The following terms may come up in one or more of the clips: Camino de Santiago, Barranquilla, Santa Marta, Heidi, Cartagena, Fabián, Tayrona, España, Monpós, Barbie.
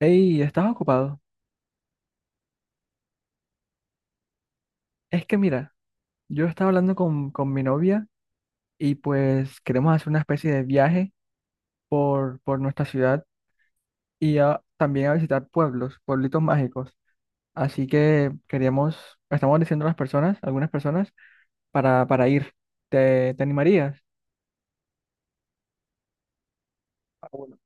Hey, ¿estás ocupado? Es que mira, yo estaba hablando con mi novia y pues queremos hacer una especie de viaje por nuestra ciudad y también a visitar pueblos, pueblitos mágicos. Así que queríamos, estamos diciendo a las personas, algunas personas, para ir. ¿Te animarías? Ah, bueno.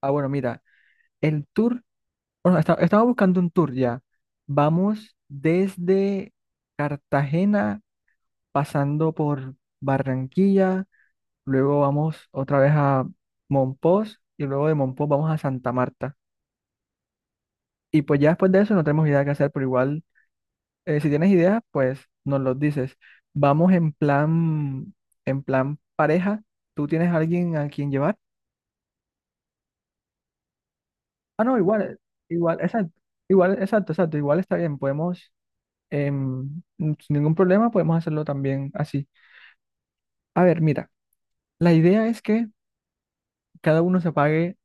Ah, bueno, mira, el tour, bueno, estaba buscando un tour ya. Vamos desde Cartagena, pasando por Barranquilla. Luego vamos otra vez a Monpós y luego de Monpós vamos a Santa Marta. Y pues ya después de eso no tenemos idea qué hacer, pero igual si tienes ideas, pues nos los dices. Vamos en plan pareja. ¿Tú tienes a alguien a quien llevar? Ah, no, igual, igual, exacto, igual, exacto, exacto, igual está bien. Podemos, sin ningún problema, podemos hacerlo también así. A ver, mira, la idea es que cada uno se pague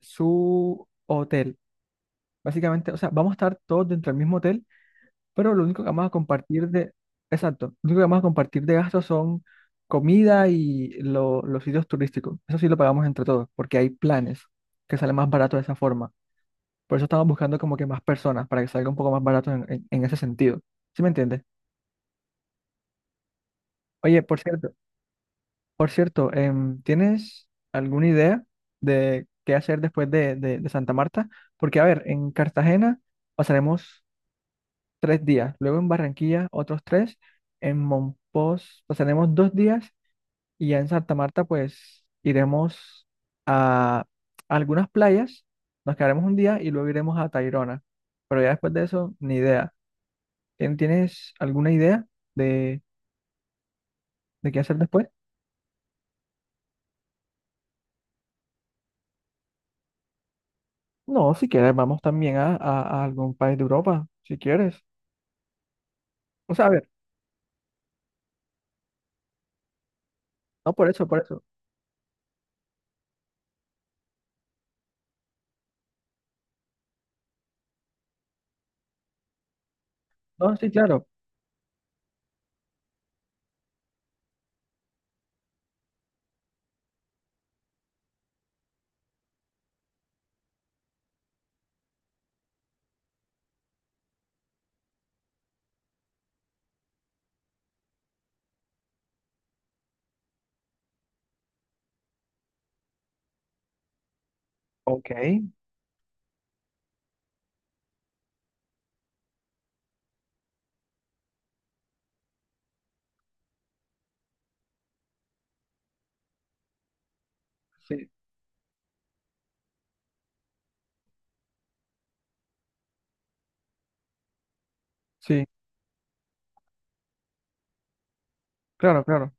su hotel. Básicamente, o sea, vamos a estar todos dentro del mismo hotel. Pero lo único que vamos a compartir de... Exacto, lo único que vamos a compartir de gastos son comida y los sitios turísticos. Eso sí lo pagamos entre todos, porque hay planes que salen más barato de esa forma. Por eso estamos buscando como que más personas, para que salga un poco más barato en ese sentido. ¿Sí me entiendes? Oye, por cierto, ¿tienes alguna idea de qué hacer después de Santa Marta? Porque, a ver, en Cartagena pasaremos 3 días, luego en Barranquilla otros tres, en Monpós pasaremos 2 días y ya en Santa Marta pues iremos a algunas playas, nos quedaremos un día y luego iremos a Tayrona, pero ya después de eso ni idea. ¿Tienes alguna idea de, de qué hacer después? No, si quieres vamos también a algún país de Europa, si quieres. O sea, a ver, no por eso, por eso. No, sí, claro. Ok, sí, sí, claro, claro.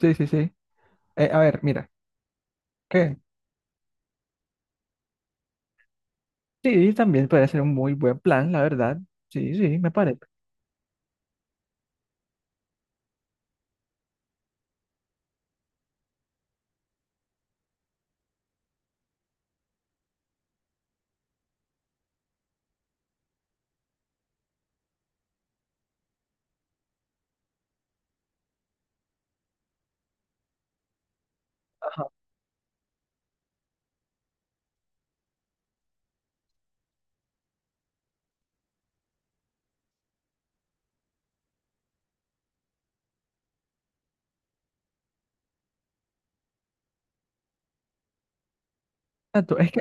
Sí, sí, sí. A ver, mira, ¿qué? Sí, sí, también puede ser un muy buen plan, la verdad. Sí, sí, me parece. Ajá. Exacto, es que,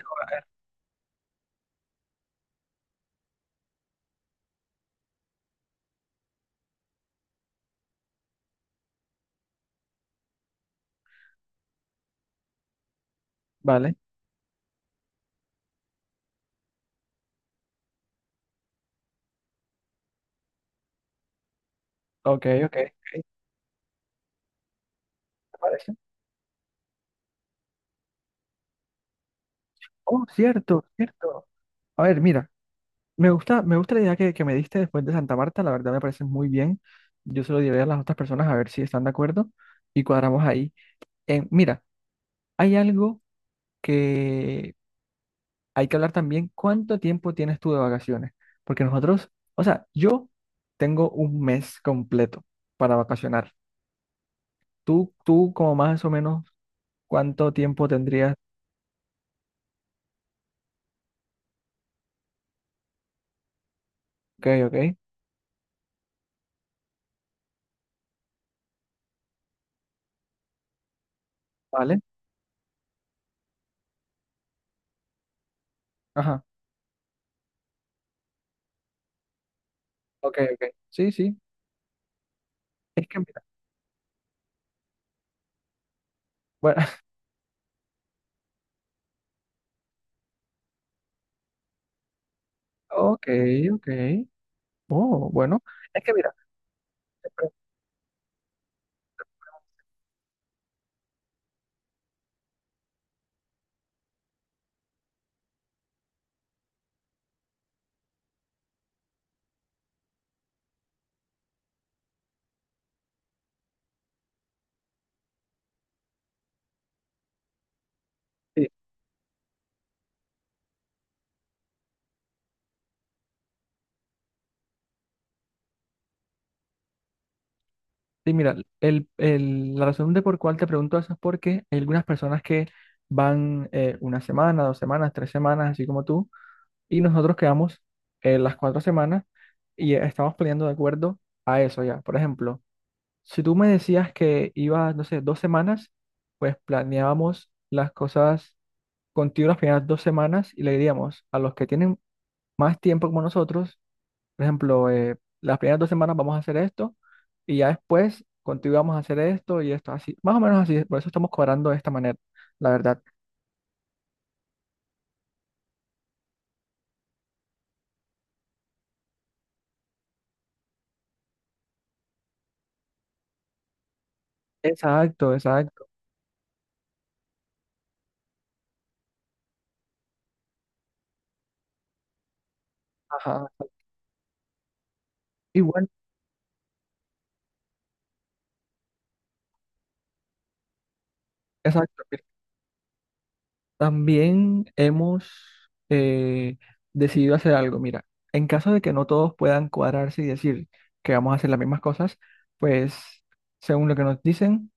vale, ok, ok, ok, me parece. Oh, cierto, cierto. A ver, mira, me gusta la idea que me diste después de Santa Marta, la verdad me parece muy bien. Yo se lo diré a las otras personas a ver si están de acuerdo y cuadramos ahí. Mira, hay algo que hay que hablar también, ¿cuánto tiempo tienes tú de vacaciones? Porque nosotros, o sea, yo tengo un mes completo para vacacionar. Tú, como más o menos, ¿cuánto tiempo tendrías? Ok, ok, vale. Ajá, ok, ok. Sí, sí. Es que mira, bueno, ok, ok. Oh, bueno. Es que mira, te pre- sí, sí, mira, la razón de por cuál te pregunto eso es porque hay algunas personas que van una semana, 2 semanas, 3 semanas, así como tú, y nosotros quedamos las 4 semanas y estamos poniendo de acuerdo a eso ya. Por ejemplo. Si tú me decías que ibas, no sé, 2 semanas, pues planeábamos las cosas contigo las primeras 2 semanas y le diríamos a los que tienen más tiempo como nosotros, por ejemplo, las primeras 2 semanas vamos a hacer esto y ya después contigo vamos a hacer esto y esto, así, más o menos así, por eso estamos cobrando de esta manera, la verdad. Exacto, exacto. Ajá. Y bueno, exacto. También hemos eh, decidido hacer algo. Mira, en caso de que no todos puedan cuadrarse y decir que vamos a hacer las mismas cosas, pues según lo que nos dicen,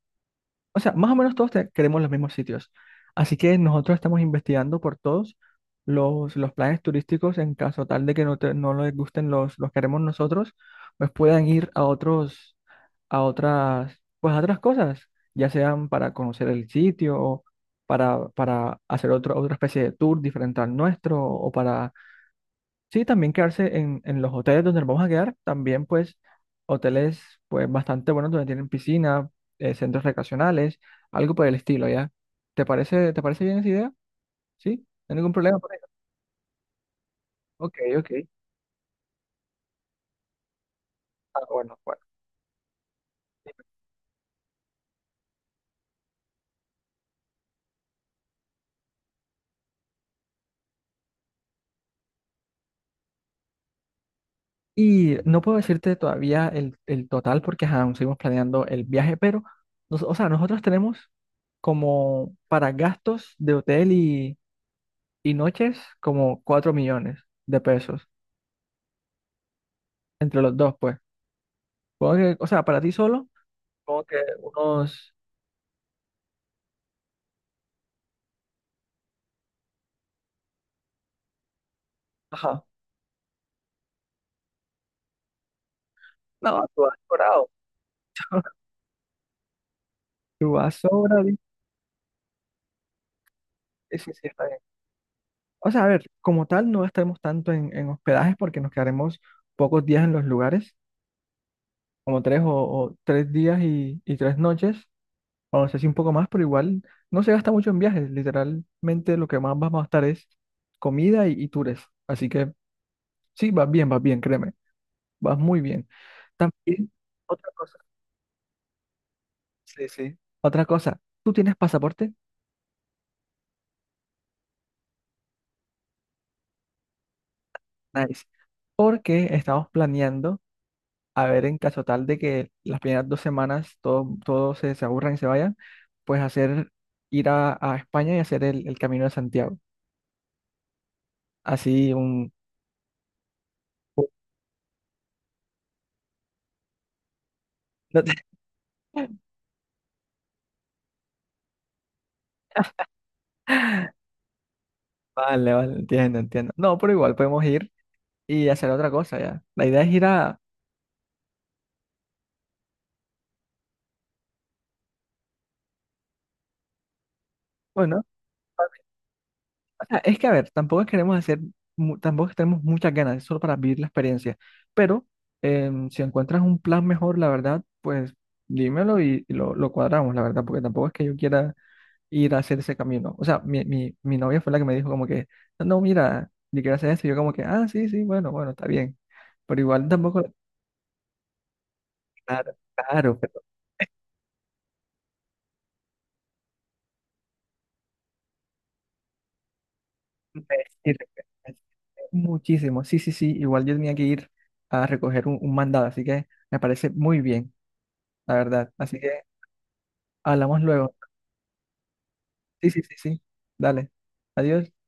o sea, más o menos todos queremos los mismos sitios. Así que nosotros estamos investigando por todos los planes turísticos en caso tal de que no, no les gusten los que haremos nosotros, pues puedan ir a otros, a otras, pues a otras cosas, ya sean para conocer el sitio, o para hacer otro, otra especie de tour diferente al nuestro, o para... Sí, también quedarse en los hoteles donde nos vamos a quedar, también pues hoteles pues bastante buenos donde tienen piscina, centros recreacionales, algo por el estilo, ¿ya? ¿Te parece bien esa idea? ¿Sí? ¿No hay ningún problema por eso? Ok, ok. Ah, bueno, bueno. Y no puedo decirte todavía el total porque ajá, aún seguimos planeando el viaje, pero, o sea, nosotros tenemos como para gastos de hotel y noches como 4 millones de pesos entre los dos, pues. Supongo que, o sea, para ti solo. Como que unos, ajá, no, tú vas sobrado, tú vas sobradito. Sí, sí, sí, está bien. O sea, a ver, como tal, no estaremos tanto en hospedajes porque nos quedaremos pocos días en los lugares, como tres o 3 días y 3 noches, o no sé si un poco más, pero igual no se gasta mucho en viajes, literalmente lo que más vamos a estar es comida y tours, así que sí, vas bien, créeme, vas muy bien. También, otra cosa, sí, sí, otra cosa, ¿tú tienes pasaporte? Nice. Porque estamos planeando, a ver, en caso tal de que las primeras 2 semanas todo se aburran y se vayan, pues hacer, ir a España y hacer el Camino de Santiago. Así un... no te- Vale, vale, entiendo, entiendo. No, pero igual podemos ir y hacer otra cosa ya. La idea es ir a... Bueno. O sea, es que, a ver, tampoco queremos hacer, tampoco tenemos muchas ganas, es solo para vivir la experiencia. Pero si encuentras un plan mejor, la verdad, pues dímelo y lo cuadramos, la verdad, porque tampoco es que yo quiera ir a hacer ese camino. O sea, mi novia fue la que me dijo como que, no, no, mira, yo quiero hacer esto, y yo como que, ah, sí, sí, bueno, bueno, está bien. Pero igual tampoco, claro, claro, pero me sirve, me sirve muchísimo. Sí, sí, sí, igual yo tenía que ir a recoger un mandado, así que me parece muy bien, la verdad. Así que... Hablamos luego. Sí, sí, sí, sí. Dale. Adiós.